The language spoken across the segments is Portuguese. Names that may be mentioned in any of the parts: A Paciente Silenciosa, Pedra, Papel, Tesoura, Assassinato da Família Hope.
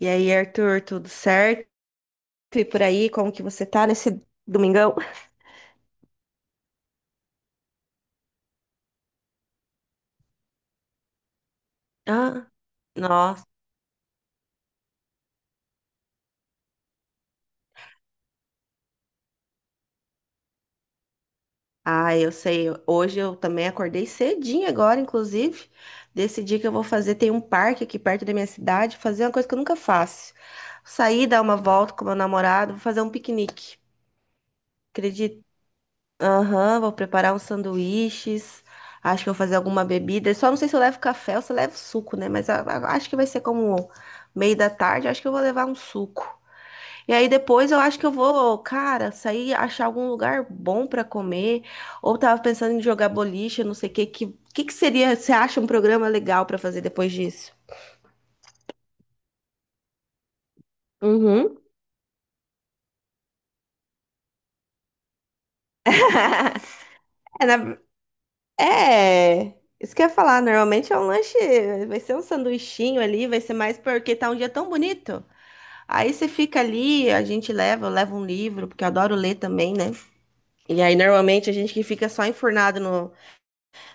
E aí, Arthur, tudo certo? E por aí, como que você tá nesse domingão? Ah, nossa. Ah, eu sei. Hoje eu também acordei cedinho agora, inclusive. Decidi que eu vou fazer. Tem um parque aqui perto da minha cidade, fazer uma coisa que eu nunca faço. Sair, dar uma volta com meu namorado, vou fazer um piquenique. Acredito. Aham, vou preparar uns sanduíches. Acho que vou fazer alguma bebida. Só não sei se eu levo café ou se eu levo suco, né? Mas acho que vai ser como meio da tarde. Acho que eu vou levar um suco. E aí depois eu acho que eu vou, cara, sair, achar algum lugar bom pra comer. Ou tava pensando em jogar boliche, não sei o que. Que que seria, você acha um programa legal pra fazer depois disso? Uhum. É, na- é, isso que eu ia falar. Normalmente é um lanche, vai ser um sanduichinho ali, vai ser mais porque tá um dia tão bonito. Aí você fica ali, a gente leva, eu levo um livro, porque eu adoro ler também, né? E aí normalmente a gente que fica só enfurnado no,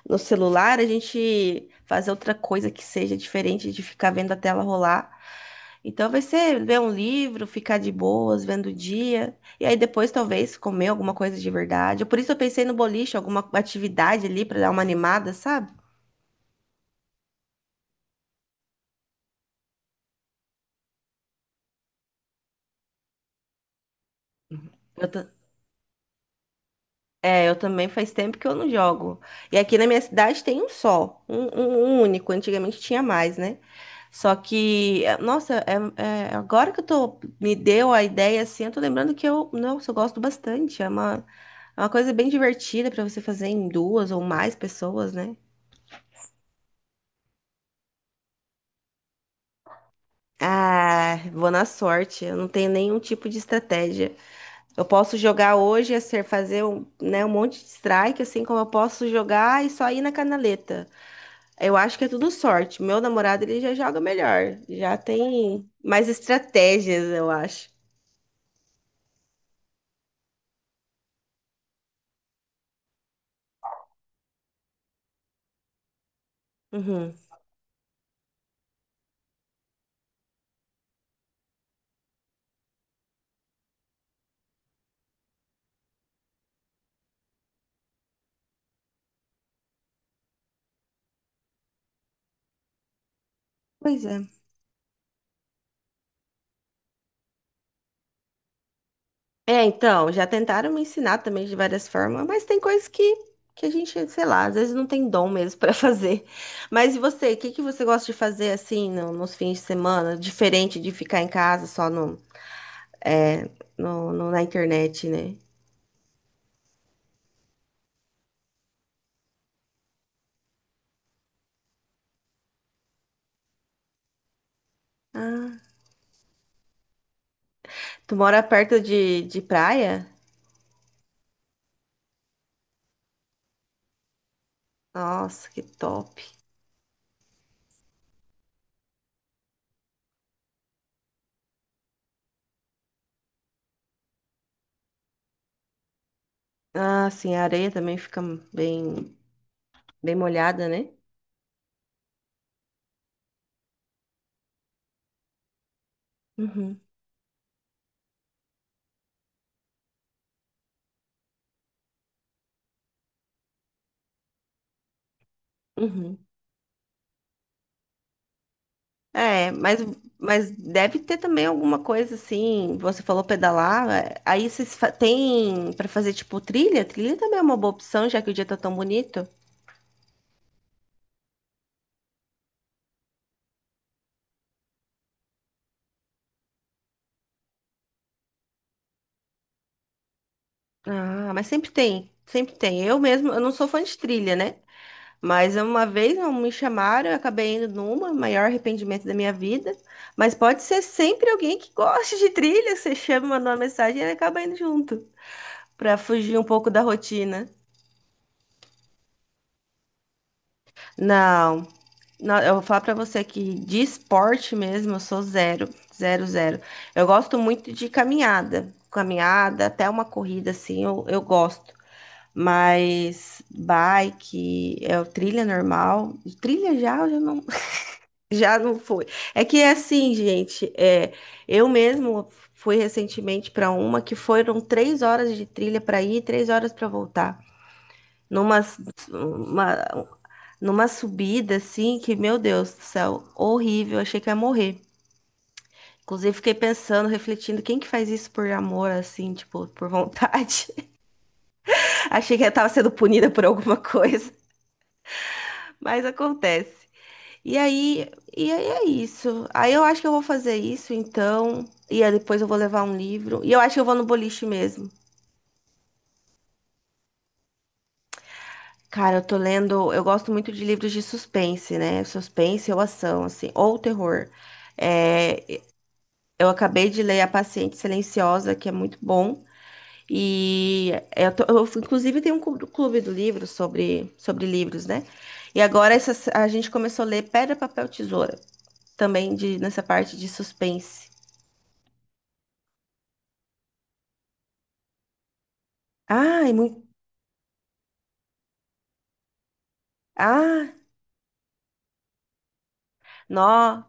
no celular, a gente fazer outra coisa que seja diferente de ficar vendo a tela rolar. Então vai ser ver um livro, ficar de boas, vendo o dia, e aí depois talvez comer alguma coisa de verdade. Por isso eu pensei no boliche, alguma atividade ali para dar uma animada, sabe? Eu ta- eu também faz tempo que eu não jogo. E aqui na minha cidade tem um só, um único. Antigamente tinha mais, né? Só que, nossa, agora que eu tô, me deu a ideia, assim, eu tô lembrando que eu, nossa, eu gosto bastante. É uma coisa bem divertida pra você fazer em duas ou mais pessoas, né? Ah, vou na sorte. Eu não tenho nenhum tipo de estratégia. Eu posso jogar hoje, é ser fazer um, né, um monte de strike, assim como eu posso jogar e só ir na canaleta. Eu acho que é tudo sorte. Meu namorado, ele já joga melhor. Já tem mais estratégias, eu acho. Uhum. Pois é. É, então, já tentaram me ensinar também de várias formas, mas tem coisas que a gente, sei lá, às vezes não tem dom mesmo para fazer. Mas e você, o que que você gosta de fazer assim nos fins de semana, diferente de ficar em casa só é, na internet, né? Ah, tu mora de praia? Nossa, que top. Ah, sim, a areia também fica bem, bem molhada, né? Uhum, uhum. É, mas deve ter também alguma coisa assim. Você falou pedalar, é, aí tem pra fazer tipo trilha? Trilha também é uma boa opção, já que o dia tá tão bonito. Ah, mas sempre tem, sempre tem. Eu mesmo, eu não sou fã de trilha, né? Mas uma vez não me chamaram, eu acabei indo numa, maior arrependimento da minha vida. Mas pode ser sempre alguém que goste de trilha, que você chama, manda uma mensagem e ele acaba indo junto, pra fugir um pouco da rotina. Não, não, eu vou falar pra você que de esporte mesmo eu sou zero, zero, zero. Eu gosto muito de caminhada, caminhada, até uma corrida assim, eu gosto. Mas bike, é o trilha normal, trilha já, eu já não, já não foi. É que é assim, gente, eu mesmo fui recentemente para uma que foram três horas de trilha para ir, e três horas para voltar. Numa, numa subida assim que, meu Deus do céu, horrível, achei que ia morrer. Inclusive, fiquei pensando, refletindo, quem que faz isso por amor, assim, tipo, por vontade? Achei que eu tava sendo punida por alguma coisa, mas acontece. E aí, e aí é isso. Aí eu acho que eu vou fazer isso, então. E aí depois eu vou levar um livro. E eu acho que eu vou no boliche mesmo. Cara, eu tô lendo. Eu gosto muito de livros de suspense, né? Suspense ou ação, assim, ou terror. É, eu acabei de ler A Paciente Silenciosa, que é muito bom. E eu, inclusive tem um clube do livro sobre, sobre livros, né? E agora essa, a gente começou a ler Pedra, Papel, Tesoura, também de, nessa parte de suspense. Ai, muito. Ah, nó.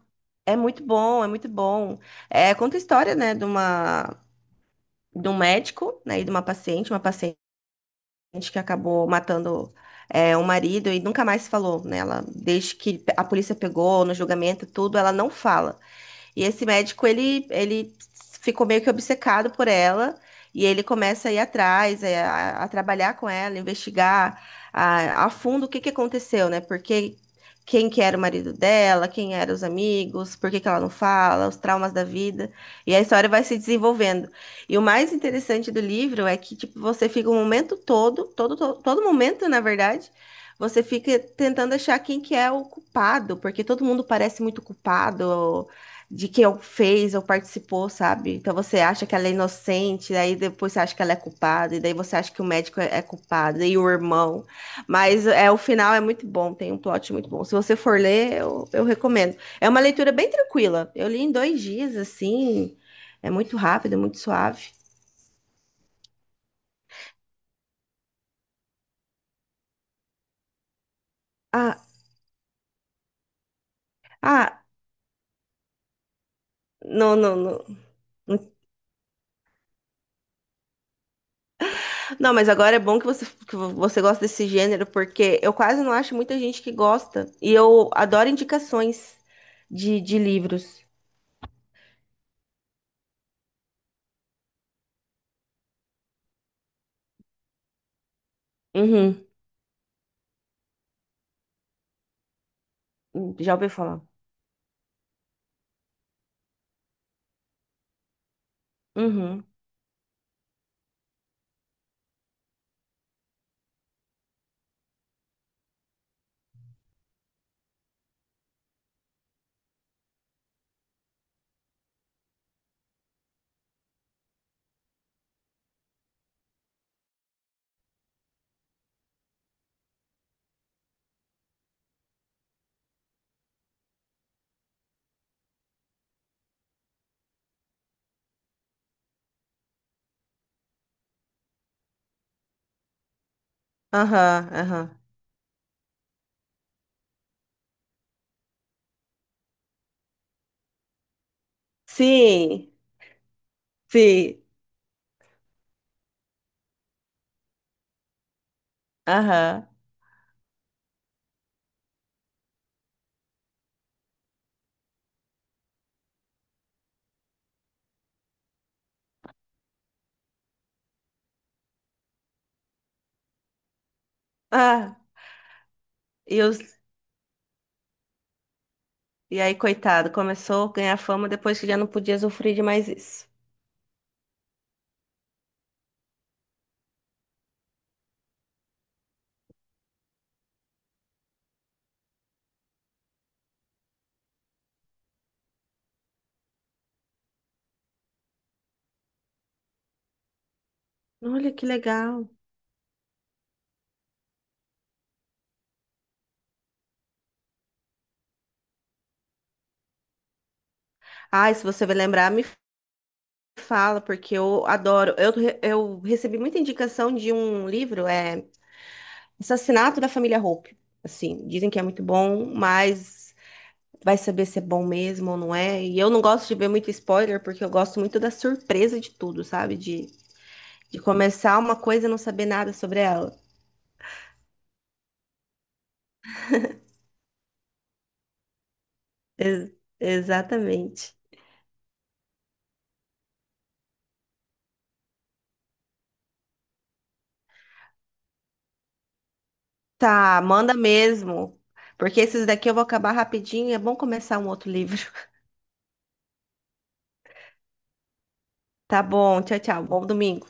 É muito bom, é muito bom. É, conta a história, né, de um médico, né, e de uma paciente, uma paciente. Gente que acabou matando, é, o marido e nunca mais falou, né? Ela, desde que a polícia pegou no julgamento, e tudo, ela não fala. E esse médico, ele ficou meio que obcecado por ela. E ele começa a ir atrás, é, a trabalhar com ela, investigar a fundo o que, que aconteceu, né? Porque quem que era o marido dela, quem eram os amigos, por que que ela não fala, os traumas da vida. E a história vai se desenvolvendo. E o mais interessante do livro é que, tipo, você fica o momento todo, todo momento, na verdade, você fica tentando achar quem que é o culpado, porque todo mundo parece muito culpado, de que eu fez ou participou, sabe? Então você acha que ela é inocente, aí depois você acha que ela é culpada, e daí você acha que o médico é culpado, e o irmão. Mas o final é muito bom, tem um plot muito bom. Se você for ler, eu recomendo. É uma leitura bem tranquila. Eu li em dois dias, assim, é muito rápido, muito suave. Ah, ah, não. Não, mas agora é bom que que você gosta desse gênero, porque eu quase não acho muita gente que gosta. E eu adoro indicações de livros. Uhum. Já ouvi falar. Uhum. Aham, aham. Sim, sim. Aham. Ah, e, os, e aí, coitado, começou a ganhar fama depois que já não podia sofrer de mais isso. Olha que legal. Ah, se você vai lembrar, me fala, porque eu adoro. Eu recebi muita indicação de um livro, é. Assassinato da Família Hope. Assim, dizem que é muito bom, mas vai saber se é bom mesmo ou não é. E eu não gosto de ver muito spoiler, porque eu gosto muito da surpresa de tudo, sabe? De começar uma coisa e não saber nada sobre ela. Ex- exatamente. Tá, manda mesmo. Porque esses daqui eu vou acabar rapidinho. É bom começar um outro livro. Tá bom, tchau, tchau. Bom domingo.